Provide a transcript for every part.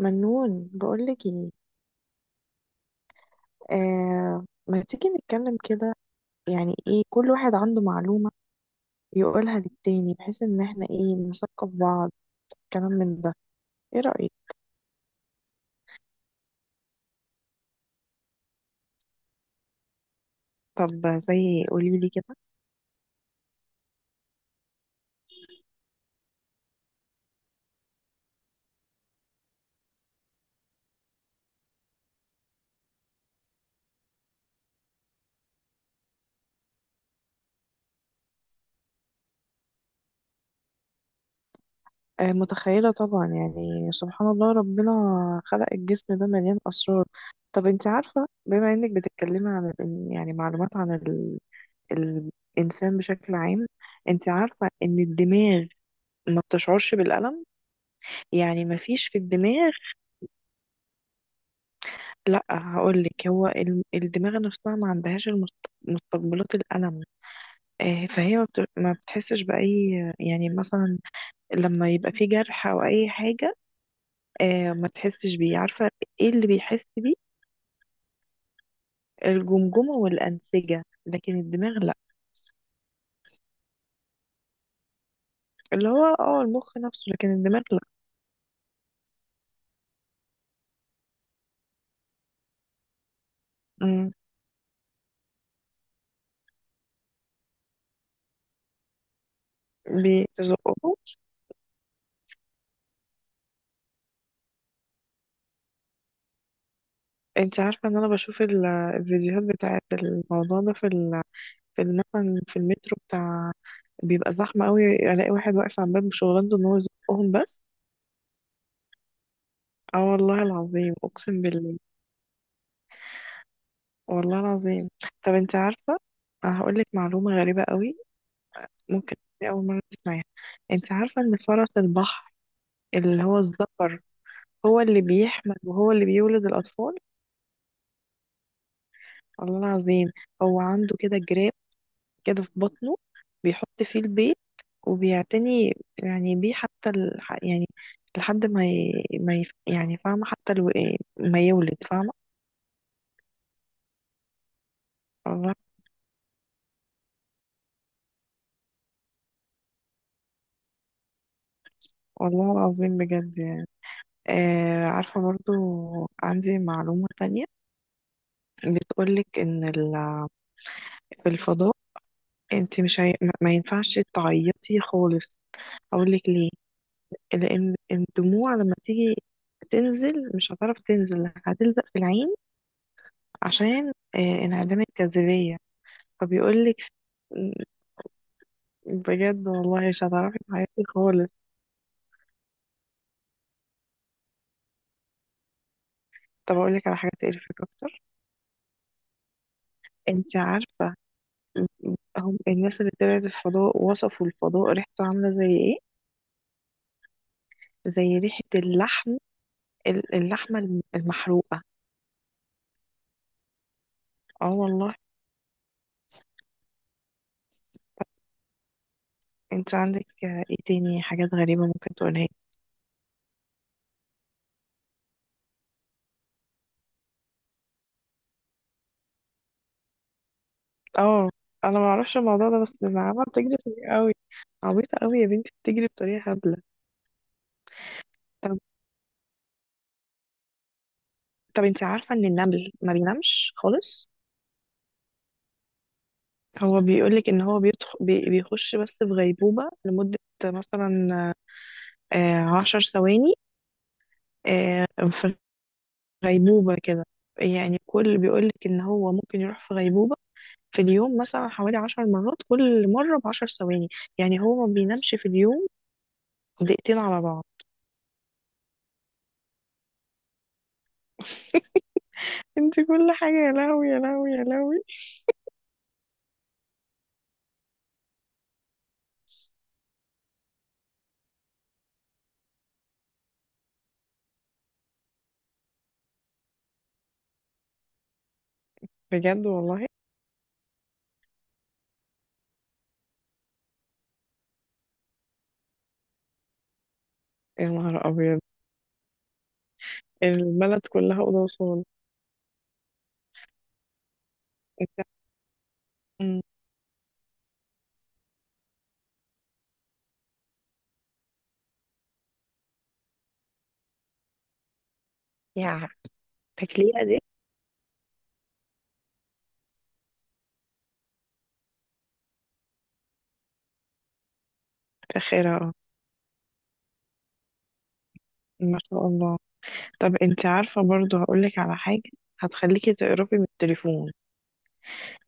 منون بقولك ايه؟ آه، ما تيجي نتكلم كده؟ يعني ايه، كل واحد عنده معلومة يقولها للتاني بحيث ان احنا ايه نثقف بعض، كلام من ده. ايه رأيك؟ طب زي قوليلي كده. آه متخيلة طبعا، يعني سبحان الله، ربنا خلق الجسم ده مليان أسرار. طب انت عارفة، بما انك بتتكلمي عن يعني معلومات عن الإنسان بشكل عام. انت عارفة ان الدماغ ما بتشعرش بالألم؟ يعني ما فيش في الدماغ. لا، هقولك، هو الدماغ نفسها ما عندهاش مستقبلات الألم. آه، فهي ما بتحسش بأي، يعني مثلا لما يبقى في جرح أو أي حاجة، آه، ما تحسش بيه. عارفة ايه اللي بيحس بيه؟ الجمجمة والأنسجة، لكن الدماغ لا. اللي هو المخ نفسه، لكن الدماغ لا. مم. بيزقه. انت عارفة ان انا بشوف الفيديوهات بتاعت الموضوع ده مثلا في المترو بتاع، بيبقى زحمة قوي، الاقي واحد واقف على الباب، شغلانته ان هو يزقهم بس. اه والله العظيم، اقسم بالله. والله العظيم. طب انت عارفة، انا هقول لك معلومة غريبة قوي، ممكن تكوني اول مرة تسمعيها. انت عارفة ان فرس البحر، اللي هو الذكر، هو اللي بيحمل وهو اللي بيولد الاطفال؟ والله العظيم. هو عنده كده جراب، كده في بطنه، بيحط فيه البيت، وبيعتني يعني بيه، حتى يعني لحد ما يعني، فاهمة؟ حتى ما يولد، فاهمة. والله. والله العظيم بجد يعني. آه عارفة، برضو عندي معلومة تانية، بتقولك إن في الفضاء، انت مش هي... ما ينفعش تعيطي خالص. أقولك ليه؟ لأن الدموع لما تيجي تنزل، مش هتعرف تنزل، هتلزق في العين، عشان انعدام الجاذبية. فبيقولك بجد والله مش هتعرفي تعيطي خالص. طب أقولك على حاجة تقرفك أكتر؟ انت عارفة، هم الناس اللي طلعت الفضاء وصفوا الفضاء، ريحته عاملة زي ايه؟ زي ريحة اللحم، اللحمة المحروقة. اه والله. انت عندك ايه تاني حاجات غريبة ممكن تقولها لي؟ اه، انا ما اعرفش الموضوع ده، بس النعامة بتجري سريع قوي. عبيطة قوي يا بنتي، بتجري بطريقة هبلة. طب، طب انت عارفة ان النمل ما بينامش خالص؟ هو بيقولك ان هو بيخش بس في غيبوبة، لمدة مثلا 10 ثواني، غيبوبة كده. يعني، كل بيقولك إن هو ممكن يروح في غيبوبة في اليوم مثلا حوالي 10 مرات، كل مرة بعشر ثواني، يعني هو ما بينامش في اليوم دقيقتين على بعض. انت كل حاجة يا لهوي يا لهوي يا لهوي! بجد والله. يا نهار أبيض! البلد كلها أوضة وصالة. انت. مم. يا! تكلية دي؟ آخرها اه. ما شاء الله. طب انت عارفة، برضو هقولك على حاجة هتخليكي تقربي من التليفون.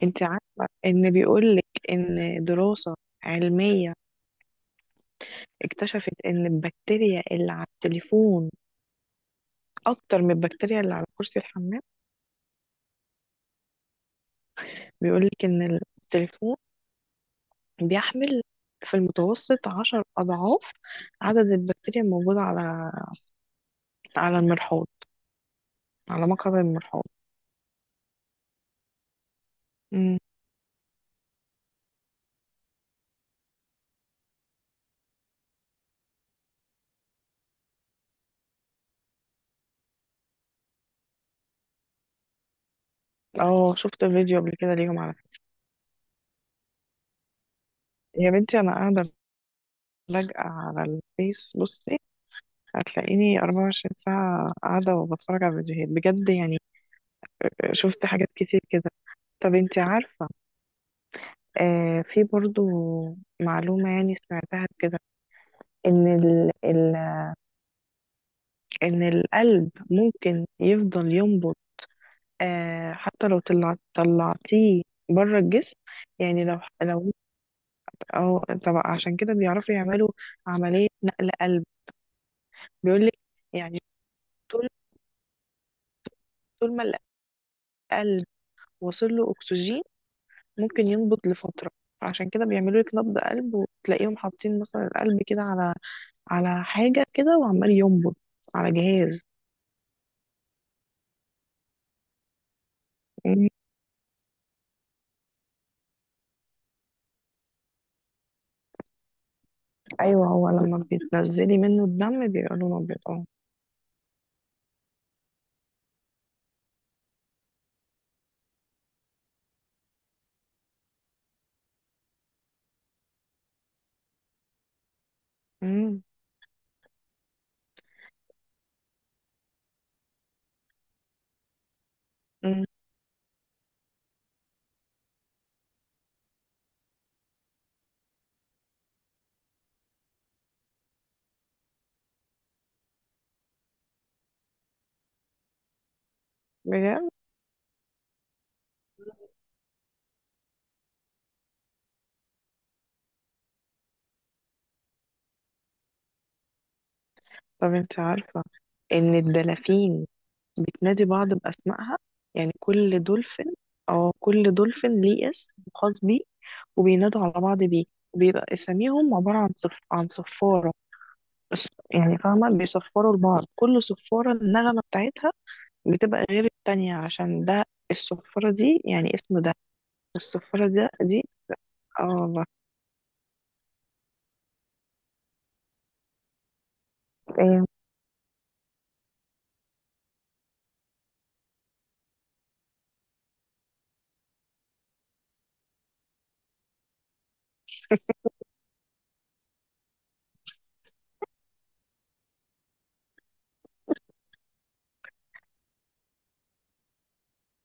انت عارفة ان بيقولك ان دراسة علمية اكتشفت ان البكتيريا اللي على التليفون اكتر من البكتيريا اللي على كرسي الحمام؟ بيقولك ان التليفون بيحمل، في المتوسط، 10 اضعاف عدد البكتيريا الموجودة على المرحاض، على مقعد المرحاض. مم. اه، شفت فيديو قبل كده ليهم على فكرة. يا بنتي انا قاعدة لاجئة على الفيس، بصي هتلاقيني 24 ساعة قاعدة وبتفرج على فيديوهات، بجد يعني، شفت حاجات كتير كده. طب انتي عارفة، في برضو معلومة، يعني سمعتها كده، إن ال ال إن القلب ممكن يفضل ينبض آه حتى لو طلعتيه بره الجسم. يعني لو أو طب، عشان كده بيعرفوا يعملوا عملية نقل قلب، بيقولك، يعني طول طول ما القلب وصل له أكسجين ممكن ينبض لفترة. عشان كده بيعملوا لك نبض قلب وتلاقيهم حاطين مثلا القلب كده على حاجة كده وعمال ينبض على جهاز. ايوه هو لما بتنزلي منه الدم بيبقى لونه ابيض، اه. أمم. أمم. بجد. طب انت عارفه ان الدلافين بتنادي بعض باسمائها؟ يعني كل دولفين... اه، كل دولفين ليه اسم خاص بيه وبينادوا على بعض بيه. وبيبقى اساميهم عباره عن صفاره بس، يعني فاهمه؟ بيصفروا لبعض، كل صفاره النغمه بتاعتها بتبقى غير التانية، عشان ده الصفاره دي يعني اسم، ده الصفاره دي. اه والله. إيه؟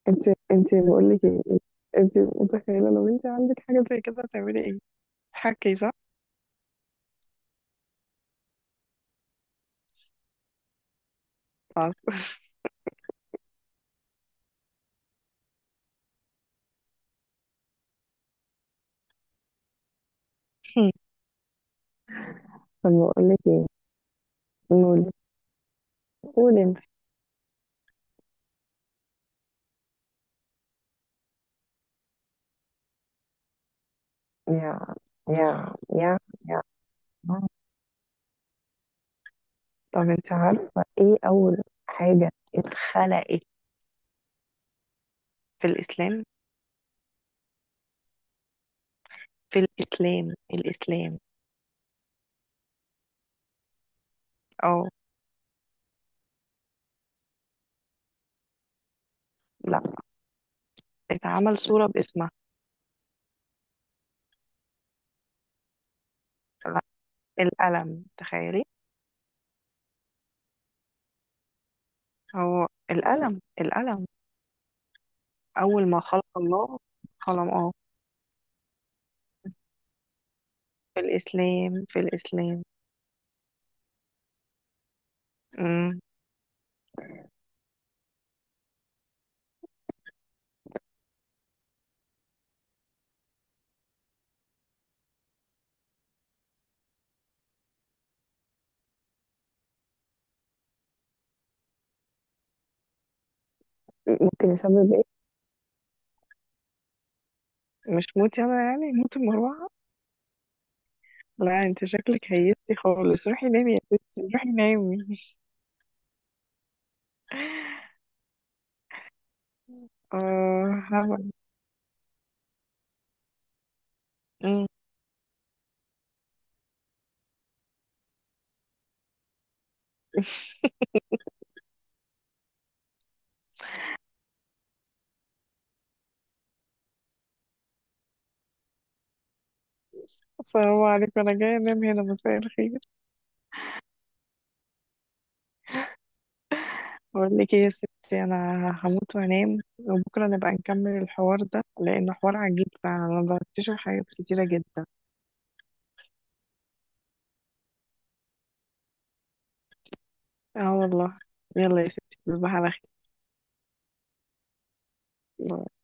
انت بقول لك ايه، انت متخيله لو انت عندك حاجه زي كده هتعملي ايه؟ حكي صح. خلاص. طب بقول لك ايه؟ نقول، قول انت. يا يا يا يا! طب انت عارفه ايه اول حاجه اتخلقت في الاسلام؟ في الاسلام، الاسلام. اه. لا. اتعمل صوره باسمها. لا. القلم، تخيلي! هو القلم، القلم. اول ما خلق الله قلم، اه. في الاسلام، في الاسلام. ممكن يسبب ايه؟ مش موتي انا، يعني موت المروعه؟ لا، انت شكلك هيستي خالص، روحي نامي يا ستي، روحي نامي. اه، هعمل. مم. السلام عليكم، انا جايه انام هنا، مساء الخير. بقول لك ايه يا ستي، انا هموت وانام، وبكره نبقى نكمل الحوار ده، لانه حوار عجيب فعلا، انا بكتشف حاجات كتيره جدا. اه والله. يلا يا ستي، تصبحي على خير.